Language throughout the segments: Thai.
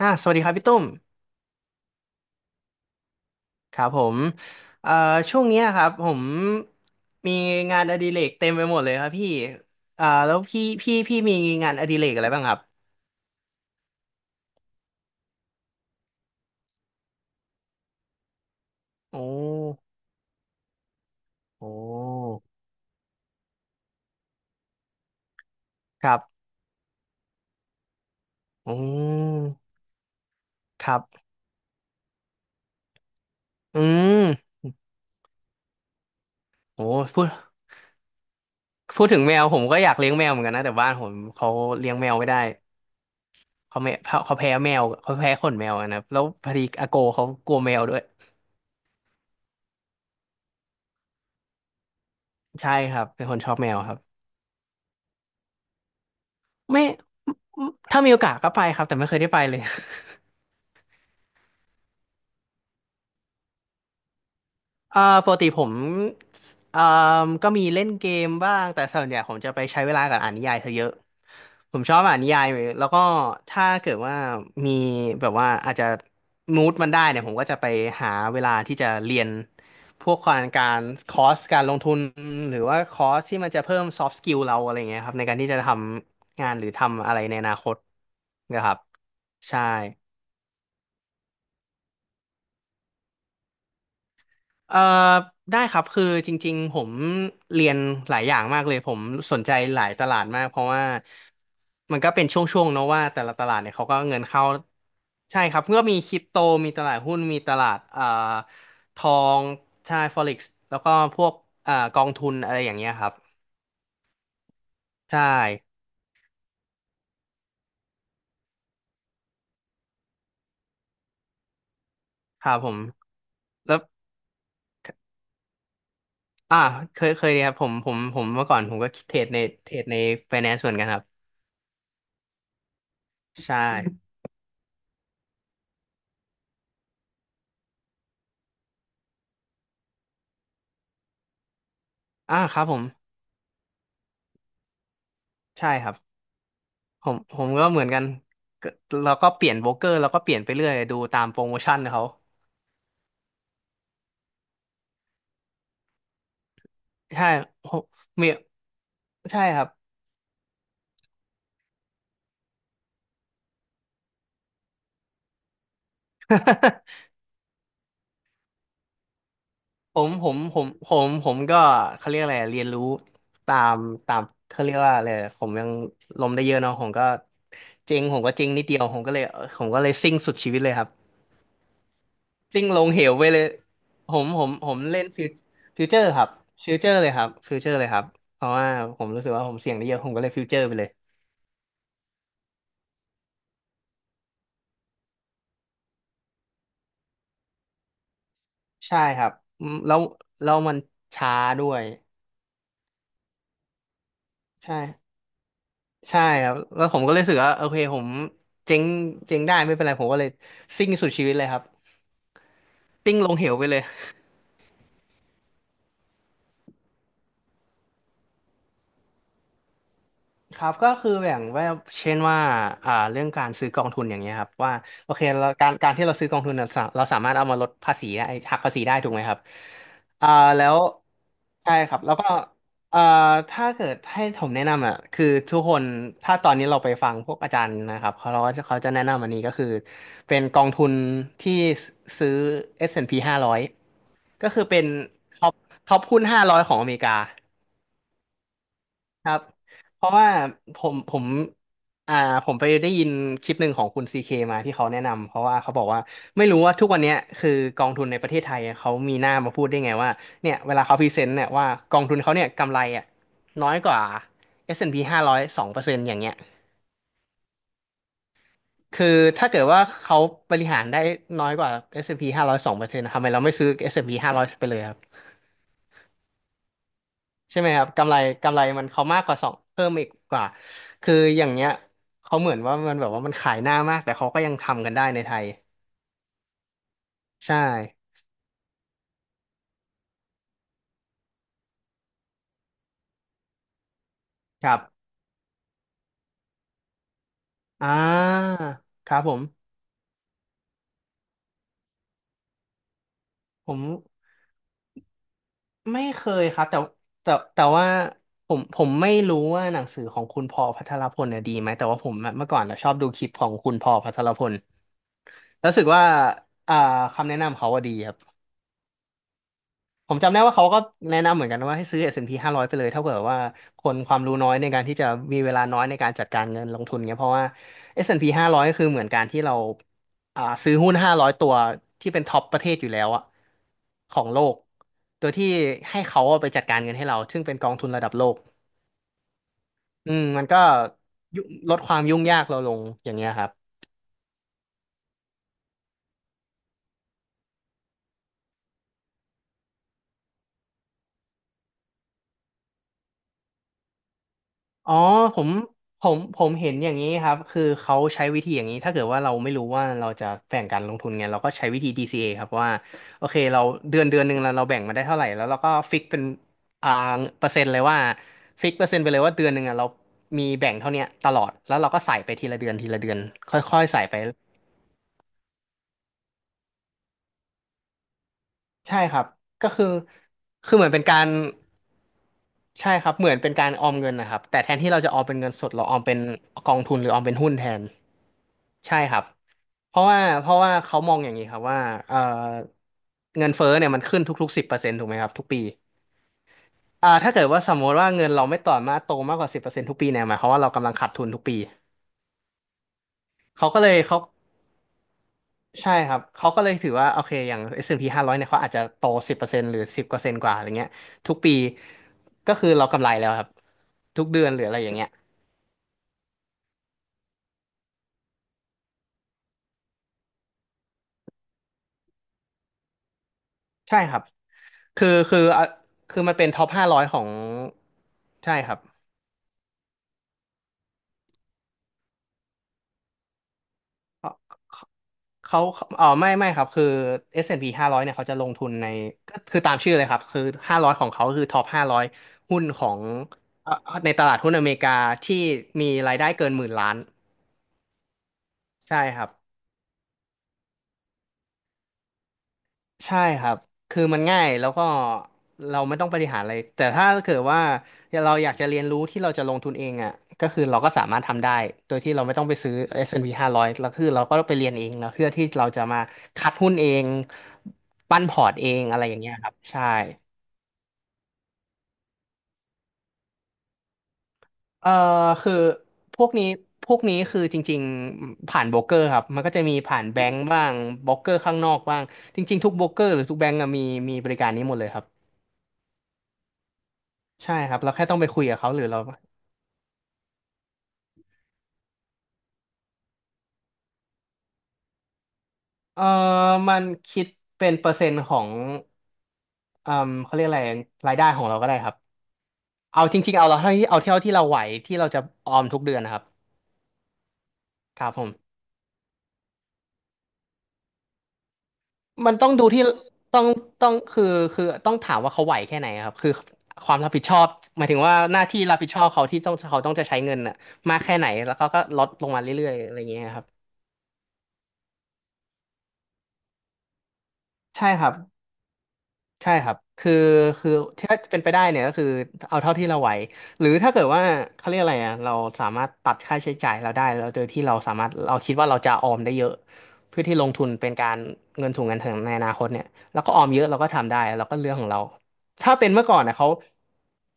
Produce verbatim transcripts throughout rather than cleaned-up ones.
อ่าสวัสดีครับพี่ตุ้มครับผมเอ่อช่วงเนี้ยครับผมมีงานอดิเรกเต็มไปหมดเลยครับพี่อ่าแล้วพี่พี่พี่มีงานอดิเรกอะไรบ้างครับโอ้โอ้ครับอืมครับอืมโอ้พูดพูดถึงแมวผมก็อยากเลี้ยงแมวเหมือนกันนะแต่บ้านผมเขาเลี้ยงแมวไม่ได้เขาแม่เขาแพ้แมวเขาแพ้ขนแมวอะนะครับแล้วพอดีอาโกเขากลัวแมวด้วยใช่ครับเป็นคนชอบแมวครับ ไม่ถ้ามีโอกาสก็ไปครับแต่ไม่เคยได้ไปเลย อ่าปกติผมอ่าก็มีเล่นเกมบ้างแต่ส่วนใหญ่ผมจะไปใช้เวลากับอ่านนิยายซะเยอะผมชอบอ่านนิยายแล้วก็ถ้าเกิดว่ามีแบบว่าอาจจะมูดมันได้เนี่ยผมก็จะไปหาเวลาที่จะเรียนพวกการการคอร์สการลงทุนหรือว่าคอร์สที่มันจะเพิ่ม soft skill เราอะไรเงี้ยครับในการที่จะทำงานหรือทำอะไรในอนาคตนะครับใช่ เอ่อได้ครับคือจริงๆผมเรียนหลายอย่างมากเลยผมสนใจหลายตลาดมากเพราะว่ามันก็เป็นช่วงๆเนอะว่าแต่ละตลาดเนี่ยเขาก็เงินเข้าใช่ครับก็มีคริปโตมีตลาดหุ้นมีตลาดเอ่อทองใช่ Forex แล้วก็พวกเอ่อกองทุนอะไรอย่างเงี้ยครับใช่ครับผมแล้วอ่าเคยเคยครับผมผมผมเมื่อก่อนผมก็เทรดในเทรดใน finance เหมือนกันครับใช่อ่าครับผมใช่ครับ ผมผมก็เหมือนกันก็เราก็เปลี่ยนโบรกเกอร์แล้วก็เปลี่ยนไปเรื่อยดูตามโปรโมชั่นเขาใช่ผมมีใช่ครับ ผมผมผมผมผมก็เขาเรียกอะไรอะเรียนรู้ตามตามเขาเรียกว่าอะไรอะผมยังล้มได้เยอะเนาะผมก็เจ๊งผมก็เจ๊งนิดเดียวผมก็เลยเออผมก็เลยซิ่งสุดชีวิตเลยครับซิ่งลงเหวไปเลยผมผมผมเล่นฟิวฟิวเจอร์ครับฟิวเจอร์เลยครับฟิวเจอร์เลยครับเพราะว่าผมรู้สึกว่าผมเสี่ยงได้เยอะผมก็เลยฟิวเจอร์ไปเลย ใช่ครับอืมแล้วแล้วมันช้าด้วยใช่ใช่ครับแล้วผมก็เลยรู้สึกว่าโอเคผมเจ๊งเจ๊งได้ไม่เป็นไรผมก็เลยซิ่งสุดชีวิตเลยครับซิ่งลงเหวไปเลย ครับก็คือแบ่งว่าเช่นว่าอ่าเรื่องการซื้อกองทุนอย่างเงี้ยครับว่าโอเคเราการการที่เราซื้อกองทุนเน่ะสาเราสามารถเอามาลดภาษีได้หักภาษีได้ถูกไหมครับอ่าแล้วใช่ครับแล้วก็เอ่อถ้าเกิดให้ผมแนะนำอ่ะคือทุกคนถ้าตอนนี้เราไปฟังพวกอาจารย์นะครับเขาเราก็จะเขาจะแนะนำอันนี้ก็คือเป็นกองทุนที่ซื้อ เอส แอนด์ พี ห้าร้อยก็คือเป็นท็อปท็อปหุ้นห้าร้อยของอเมริกา ครับ เพราะว่าผมผมอ่าผมไปได้ยินคลิปหนึ่งของคุณซีเคมาที่เขาแนะนำ เพราะว่าเขาบอกว่าไม่รู้ว่าทุกวันเนี้ยคือกองทุนในประเทศไทยเขามีหน้ามาพูดได้ไงว่าเนี่ยเวลาเขาพรีเซนต์เนี่ยว่ากองทุนเขาเนี่ยกำไรอ่ะน้อยกว่า เอส แอนด์ พี ห้าร้อย สองเปอร์เซ็นต์อนด์พีห้าร้อยสองเปอร์เซ็นต์อย่างเงี้ยคือถ้าเกิดว่าเขาบริหารได้น้อยกว่า เอส แอนด์ พี ห้าร้อย สองเปอร์เซ็นต์ทำไมเราไม่ซื้อ เอส แอนด์ พี ห้าร้อยไปเลย ใช่ไหมครับกำไรกำไรมันเขามากกว่าสองเพิ่มอีกกว่าคืออย่างเนี้ยเขาเหมือนว่ามันแบบว่ามันขายหน้ามากแต่เขาก็ยังทำกันได้ในไทยใช่ครับอ่าครับผมผมไม่เคยครับแต่แต่แต่ว่าผมผมไม่รู้ว่าหนังสือของคุณพอลพัทรพลเนี่ยดีไหมแต่ว่าผมอะเมื่อก่อนอะชอบดูคลิปของคุณพอลพัทรพลรู้สึกว่าอ่าคำแนะนำเขาว่าดีครับ ผมจำได้ว่าเขาก็แนะนำเหมือนกันว่าให้ซื้อ เอส แอนด์ พี ห้าร้อยไปเลยถ้าเผื่อว่าคนความรู้น้อยในการที่จะมีเวลาน้อยในการจัดการเงินลงทุนเงี้ยเพราะว่า เอส แอนด์ พี ห้าร้อยคือเหมือนการที่เราอ่าซื้อหุ้นห้าร้อยตัวที่เป็นท็อปประเทศอยู่แล้วอะของโลกโดยที่ให้เขาเอาไปจัดการเงินให้เราซึ่งเป็นกองทุนระดับโลกอืมมันก็ยุลดความยุ่งยากเราลงอย่างเงี้ยครับ อ๋อผมผมผมเห็นอย่างนี้ครับคือเขาใช้วิธีอย่างนี้ถ้าเกิดว่าเราไม่รู้ว่าเราจะแบ่งการลงทุนไงเราก็ใช้วิธีดี ซี เอ ครับว่าโอเคเราเดือนเดือนหนึ่งเราเราแบ่งมาได้เท่าไหร่แล้วเราก็ฟิกเป็นอ่าเปอร์เซ็นต์เลยว่าฟิกเปอร์เซ็นต์ไปเลยว่าเดือนหนึ่งอ่ะเรามีแบ่งเท่าเนี้ยตลอดแล้วเราก็ใส่ไปทีละเดือนทีละเดือนค่อยๆใส่ไปใช่ครับก็คือคือเหมือนเป็นการใช่ครับเหมือนเป็นการออมเงินนะครับแต่แทนที่เราจะออมเป็นเงินสดเราออมเป็นกองทุนหรือออมเป็นหุ้นแทนใช่ครับ เพราะว่าเพราะว่าเขามองอย่างนี้ครับว่าเอ่อเงินเฟ้อเนี่ยมันขึ้นทุกๆสิบเปอร์เซ็นต์ถูกไหมครับทุกปีอ่าถ้าเกิดว่าสมมติว่าเงินเราไม่ต่อมาโตมากกว่าสิบเปอร์เซ็นต์ทุกปีเนี่ยหมายความว่าเรากำลังขาดทุนทุกปีเขาก็เลยเขาใช่ครับเขาก็เลยถือว่าโอเคอย่าง เอส แอนด์ พี ห้าร้อยเนี่ยเขาอาจจะโตสิบเปอร์เซ็นต์หรือสิบกว่าเปอร์เซนต์กว่าอะไรเงี้ยทุกปีก็คือเรากำไรแล้วครับทุกเดือนหรืออะไรอย่างเงี้ยใช่ครับคือคืออ่ะคือมันเป็นท็อปห้าร้อยของใช่ครับ เขาเออไม่ไม่ครับคือ เอส แอนด์ พี ห้าร้อยเนี่ยเขาจะลงทุนในก็คือตามชื่อเลยครับคือห้าร้อยของเขาคือท็อปห้าร้อยหุ้นของเอ่อในตลาดหุ้นอเมริกาที่มีรายได้เกินหมื่นล้านใช่ครับ ใช่ครับคือมันง่ายแล้วก็เราไม่ต้องบริหารอะไรแต่ถ้าเกิดว่าเราอยากจะเรียนรู้ที่เราจะลงทุนเองอ่ะก็คือเราก็สามารถทำได้โดยที่เราไม่ต้องไปซื้อ เอส แอนด์ พี ห้าร้อยแอนด์พีห้าร้อยแล้วคือเราก็ไปเรียนเองแล้วเพื่อที่เราจะมาคัดหุ้นเองปั้นพอร์ตเองอะไรอย่างเงี้ยครับใช่เอ่อคือพวกนี้พวกนี้คือจริงๆผ่านโบรกเกอร์ครับมันก็จะมีผ่านแบงก์บ้างโบรกเกอร์ข้างนอกบ้างจริงๆทุกโบรกเกอร์หรือทุกแบงก์อะมีมีบริการนี้หมดเลยครับใช่ครับเราแค่ต้องไปคุยกับเขาหรือเรา เออมันคิดเป็นเปอร์เซ็นต์ของเออเขาเรียกอะไรรายได้ของเราก็ได้ครับเอาจริงๆเอาเราเท่าที่เอาเท่าที่เราไหวที่เราจะออมทุกเดือนนะครับครับผมมันต้องดูที่ต้องต้องคือคือต้องถามว่าเขาไหวแค่ไหนครับคือความรับผิดชอบหมายถึงว่าหน้าที่รับผิดชอบเขาที่ต้องเขาต้องจะใช้เงินน่ะมากแค่ไหนแล้วเขาก็ลดลงมาเรื่อยๆอะไรอย่างเงี้ยครับใช่ครับ ใช่ครับคือคือถ้าเป็นไปได้เนี่ยก็คือเอาเท่าที่เราไหวหรือถ้าเกิดว่าเขาเรียกอะไรอ่ะเราสามารถตัดค่าใช้จ่ายเราได้แล้วโดยที่เราสามารถเราคิดว่าเราจะออมได้เยอะเพื่อที่ลงทุนเป็นการเงินถุงเงินถังในอนาคตเนี่ยแล้วก็ออมเยอะเราก็ทำได้เราก็เรื่องของเราถ้าเป็นเมื่อก่อนนะเขา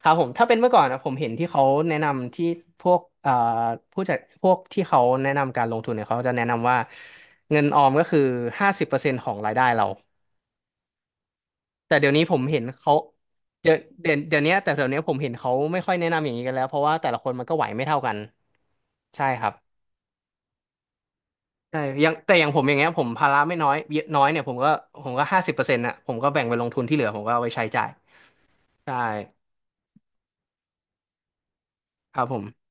ครับผมถ้าเป็นเมื่อก่อนนะผมเห็นที่เขาแนะนำที่พวกเอ่อผู้จัดพวกที่เขาแนะนำการลงทุนเนี่ยเขาจะแนะนำว่าเงินออมก็คือห้าสิบเปอร์เซ็นต์ของรายได้เรา แต่เดี๋ยวนี้ผมเห็นเขาเดี๋ยวเดี๋ยวเดี๋ยวนี้แต่เดี๋ยวนี้ผมเห็นเขาไม่ค่อยแนะนำอย่างนี้กันแล้วเพราะว่าแต่ละคนมันก็ไหวไม่เท่ากันใช่ครับใช่อยังแต่อย่างผมอย่างเงี้ยผมภาระไม่น้อยเยอะน้อยเนี่ยผมก็ผมก็ห้าสิบเปอร์เซ็นต์ะผมก็แบ่งไปลงทุนที่เหลือผมก็เอาไปใช้จ่ายใช่ครับผม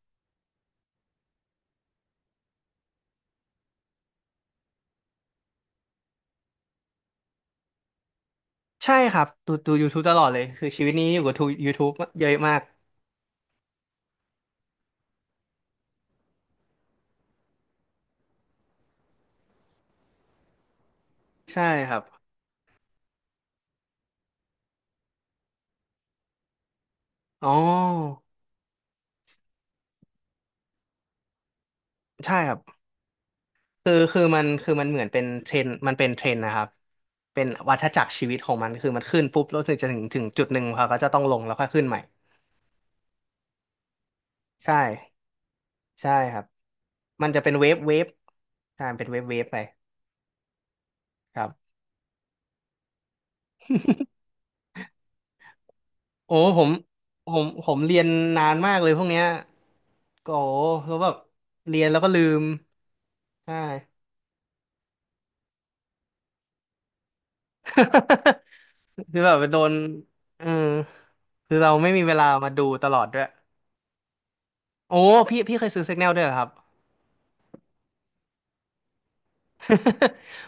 ใช่ครับดูดู YouTube ตลอดเลยคือชีวิตนี้อยู่กับทู YouTube เยอะมากใช่ครับอ๋อใช่ครับ คือคือมันคือมันเหมือนเป็นเทรนด์มันเป็นเทรนด์นะครับ เป็นวัฏจักรชีวิตของมันคือมันขึ้นปุ๊บแล้วถึงจะถึงถึงจุดหนึ่งเขาก็จะต้องลงแล้วค่อยขึ้นใหม่ ใช่ ใช่ครับ มันจะเป็นเวฟเวฟใช่มันเป็นเวฟเวฟไปครับ โอ้ผมผมผมเรียนนานมากเลยพวกเนี้ยก็โอ้แล้วแบบเรียนแล้วก็ลืมใช่ คือแบบโดนเออคือเราไม่มีเวลามาดูตลอดด้วย โอ้พี่พี่เคยซื้อ Signal ด้วยเหรอครับ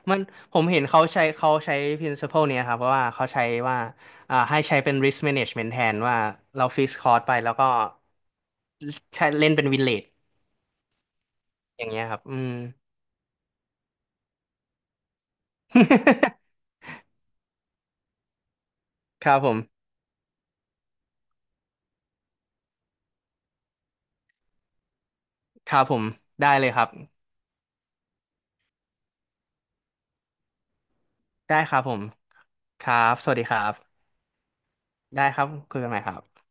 มันผมเห็นเขาใช้เขาใช้ principle เนี้ยครับเพราะว่าเขาใช้ว่าอ่าให้ใช้เป็น risk management แทนว่าเราฟิกคอร์สไปแล้วก็ใช้เล่นเป็นวินเลดอย่างเงี้ยครับอืม ครับผมครับผมได้เลยครับได้ครับผมครับสวัสดีครับได้ครับคุยกันใหม่ครับ